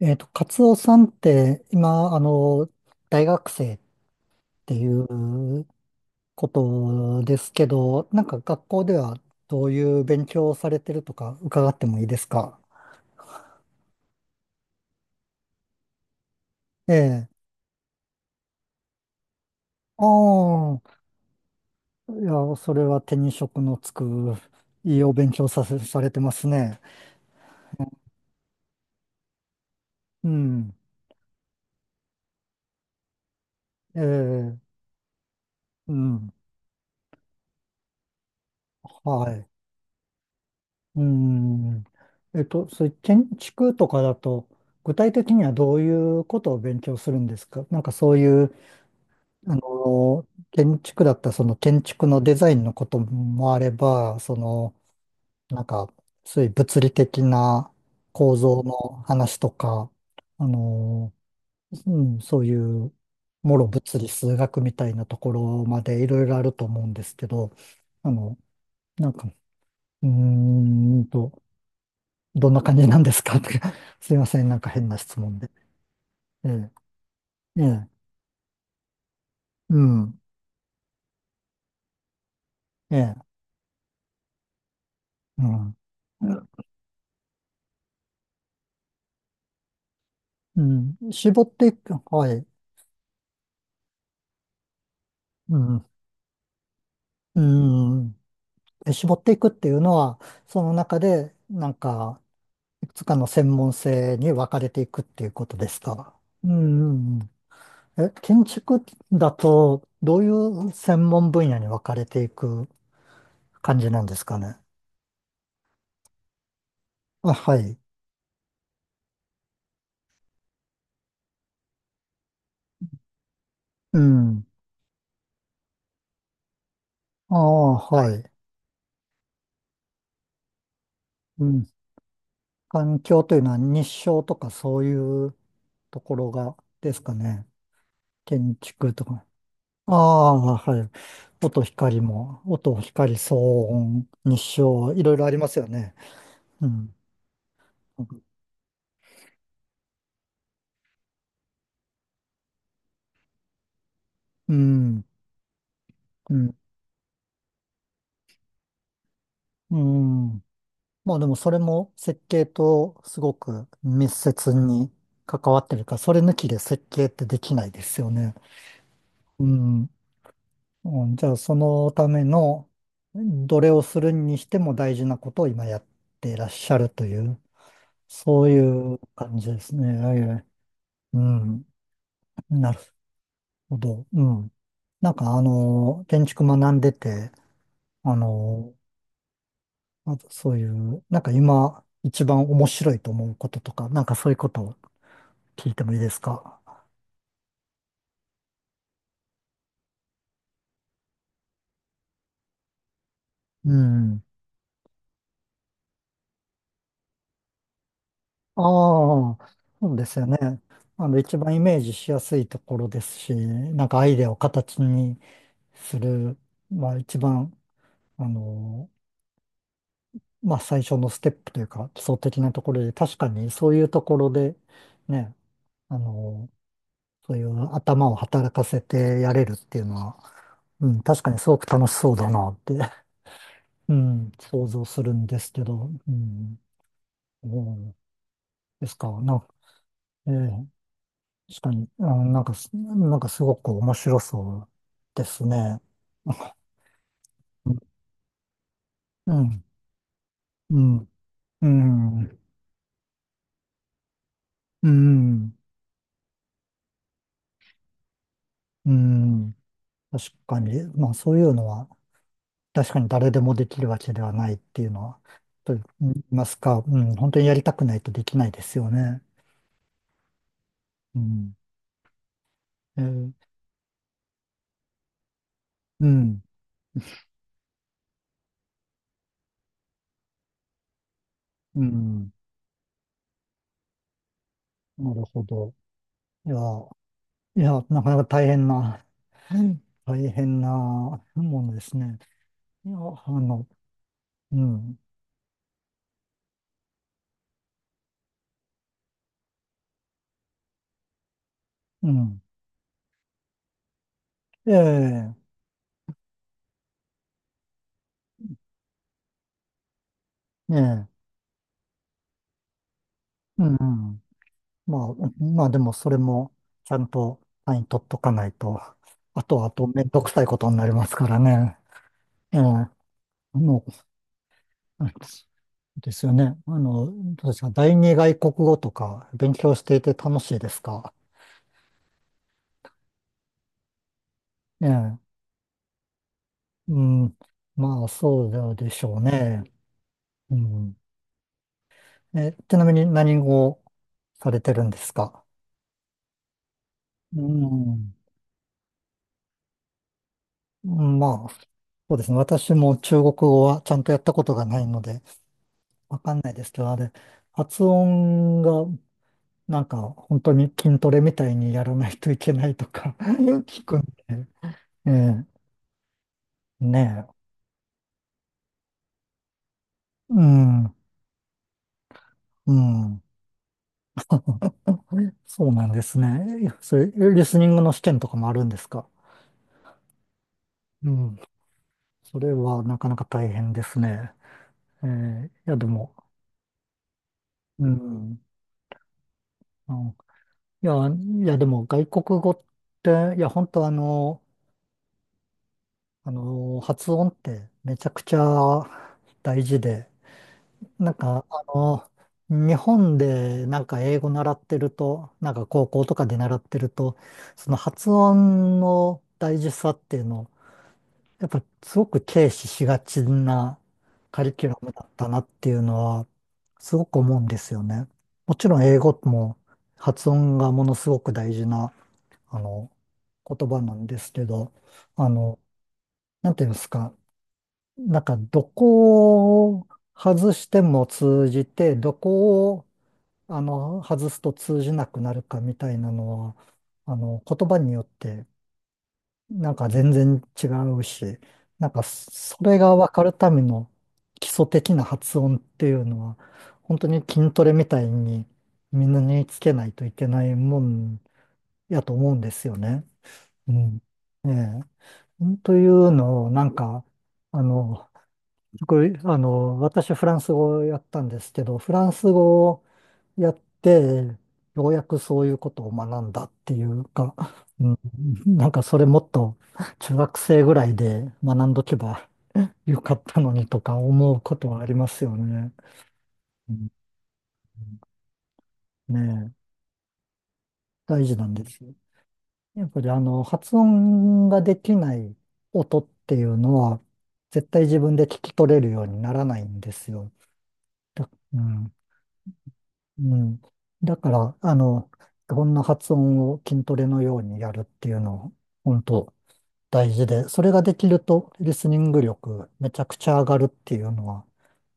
カツオさんって、今、大学生っていうことですけど、なんか学校ではどういう勉強をされてるとか伺ってもいいですか？ええ。ああ、いや、それは手に職のつく、いいお勉強されてますね。うん。ええ、うん。はい。うん。そういう建築とかだと、具体的にはどういうことを勉強するんですか？なんかそういうあの、建築だったらその建築のデザインのこともあれば、なんか、そういう物理的な構造の話とか、あの、うん、そういう、もろ物理数学みたいなところまでいろいろあると思うんですけど、あの、なんか、うーんと、どんな感じなんですかって すいません、なんか変な質問で。ええ、ええ、うん、ええ、うん。うん、絞っていく、はい。うん、うん。で絞っていくっていうのは、その中で、なんか、いくつかの専門性に分かれていくっていうことですか？うん、うんうんえ、建築だと、どういう専門分野に分かれていく感じなんですかね？あ、はい。うん。ああ、はい。うん。環境というのは日照とかそういうところがですかね？建築とか。ああ、はい。音、光も、音、光、騒音、日照、いろいろありますよね。うん。うん。うん。うん。まあでもそれも設計とすごく密接に関わってるから、それ抜きで設計ってできないですよね。うん。うんじゃあそのための、どれをするにしても大事なことを今やっていらっしゃるという、そういう感じですね。はいはいうん。なるほど。うん。なんか建築学んでて、あの、あとそういう、なんか今一番面白いと思うこととか、なんかそういうことを聞いてもいいですか？うん。ああ、そうですよね。一番イメージしやすいところですし、なんかアイデアを形にする、まあ一番、あの、まあ最初のステップというか、基礎的なところで、確かにそういうところで、ね、あのそういう頭を働かせてやれるっていうのは、うん、確かにすごく楽しそうだなって、うん、想像するんですけど、うん、そうですか、ええ確かに、あ、なんかす、なんかすごく面白そうですね。うん、うん、うん、うん、うん、確かに、まあそういうのは、確かに誰でもできるわけではないっていうのは、と言いますか、うん、本当にやりたくないとできないですよね。うんえーうん、うん、なるほど。いや、いや、なかなか大変な、うん大変なものですね。いや、うん、うん、ええ、ええ、うん、うんまあ、まあでもそれもちゃんと単位取っとかないと、あとはあとめんどくさいことになりますからね。ええ、の、ですよね。どうですか、第二外国語とか勉強していて楽しいですか？ええうん。まあ、そうでしょうね。うん。え、ちなみに何をされてるんですか？うん。まあ、そうですね。私も中国語はちゃんとやったことがないので、わかんないですけど、あれ、発音が、なんか、本当に筋トレみたいにやらないといけないとか 聞くんで、ええ、ねえ。うん、うん。そうなんですね。そうリスニングの試験とかもあるんですか？うん。それはなかなか大変ですね。いや、でも、うん、あのいや、いや、でも外国語って、いや、本当発音ってめちゃくちゃ大事で、なんか、日本でなんか英語習ってると、なんか高校とかで習ってると、その発音の大事さっていうのをやっぱすごく軽視しがちなカリキュラムだったなっていうのはすごく思うんですよね。もちろん英語も発音がものすごく大事なあの言葉なんですけど、あの、なんていうんですか、なんかどこを外しても通じて、どこを外すと通じなくなるかみたいなのは、あの言葉によってなんか全然違うし、なんかそそれが分かるための基礎的な発音っていうのは、本当に筋トレみたいにみんな身につけないといけないもんやと思うんですよね。うん。ええ。というのを、なんか、あの、僕あの、私フランス語をやったんですけど、フランス語をやって、ようやくそういうことを学んだっていうか、うん、なんかそれもっと中学生ぐらいで学んどけばよかったのにとか思うことはありますよね。うんねえ、大事なんですよ。やっぱり発音ができない音っていうのは、絶対自分で聞き取れるようにならないんですよ。うん。うん。だから、こんな発音を筋トレのようにやるっていうのを、本当大事で、それができるとリスニング力めちゃくちゃ上がるっていうのは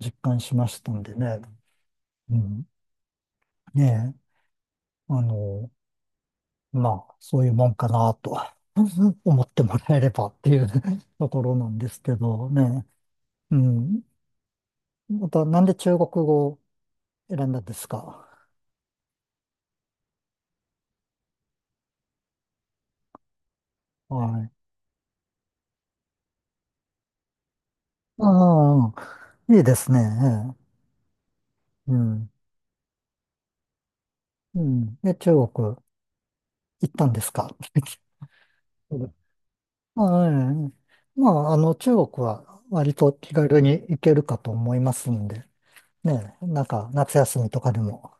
実感しましたんでね。うん。ねえ、あの、まあ、そういうもんかなと 思ってもらえればっていう ところなんですけどね。うん。また、なんで中国語を選んだんですか？はい。ああ、いいですね。ええうん。うん。で、中国行ったんですか？ はい。まあ、中国は割と気軽に行けるかと思いますんで、ね、なんか夏休みとかでも、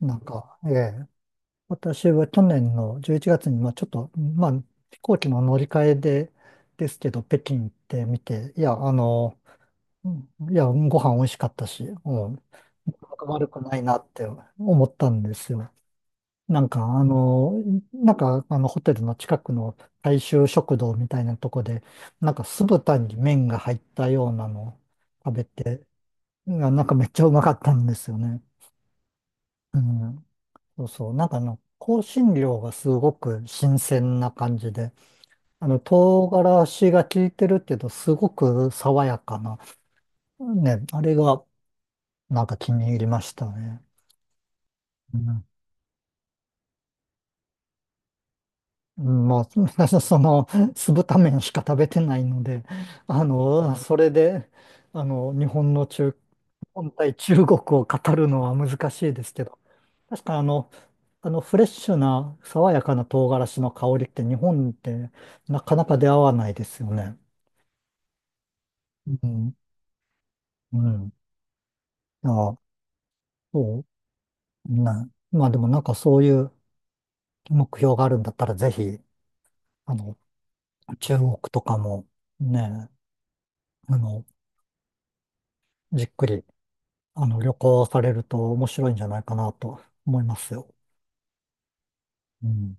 なんか、ええ、私は去年の11月に、まあちょっと、まあ飛行機の乗り換えで、ですけど、北京行ってみて、いや、うんいや、ご飯美味しかったし、うん、なかなか悪くないなって思ったんですよ。なんか、ホテルの近くの大衆食堂みたいなとこで、なんか酢豚に麺が入ったようなのを食べて、んかめっちゃうまかったんですよね。うん。そうそう。なんか香辛料がすごく新鮮な感じで、唐辛子が効いてるけど、すごく爽やかな。ね、あれが、なんか気に入りましたね。うんまあ、酢豚麺しか食べてないので、あの、それで、あの、日本の本対中国を語るのは難しいですけど、確かフレッシュな、爽やかな唐辛子の香りって日本ってなかなか出会わないですよね。うん、うん。あ、そう、ね。まあでもなんかそういう目標があるんだったら、ぜひ、あの、中国とかも、ね、あの、じっくり、旅行されると面白いんじゃないかなと思いますよ。うん。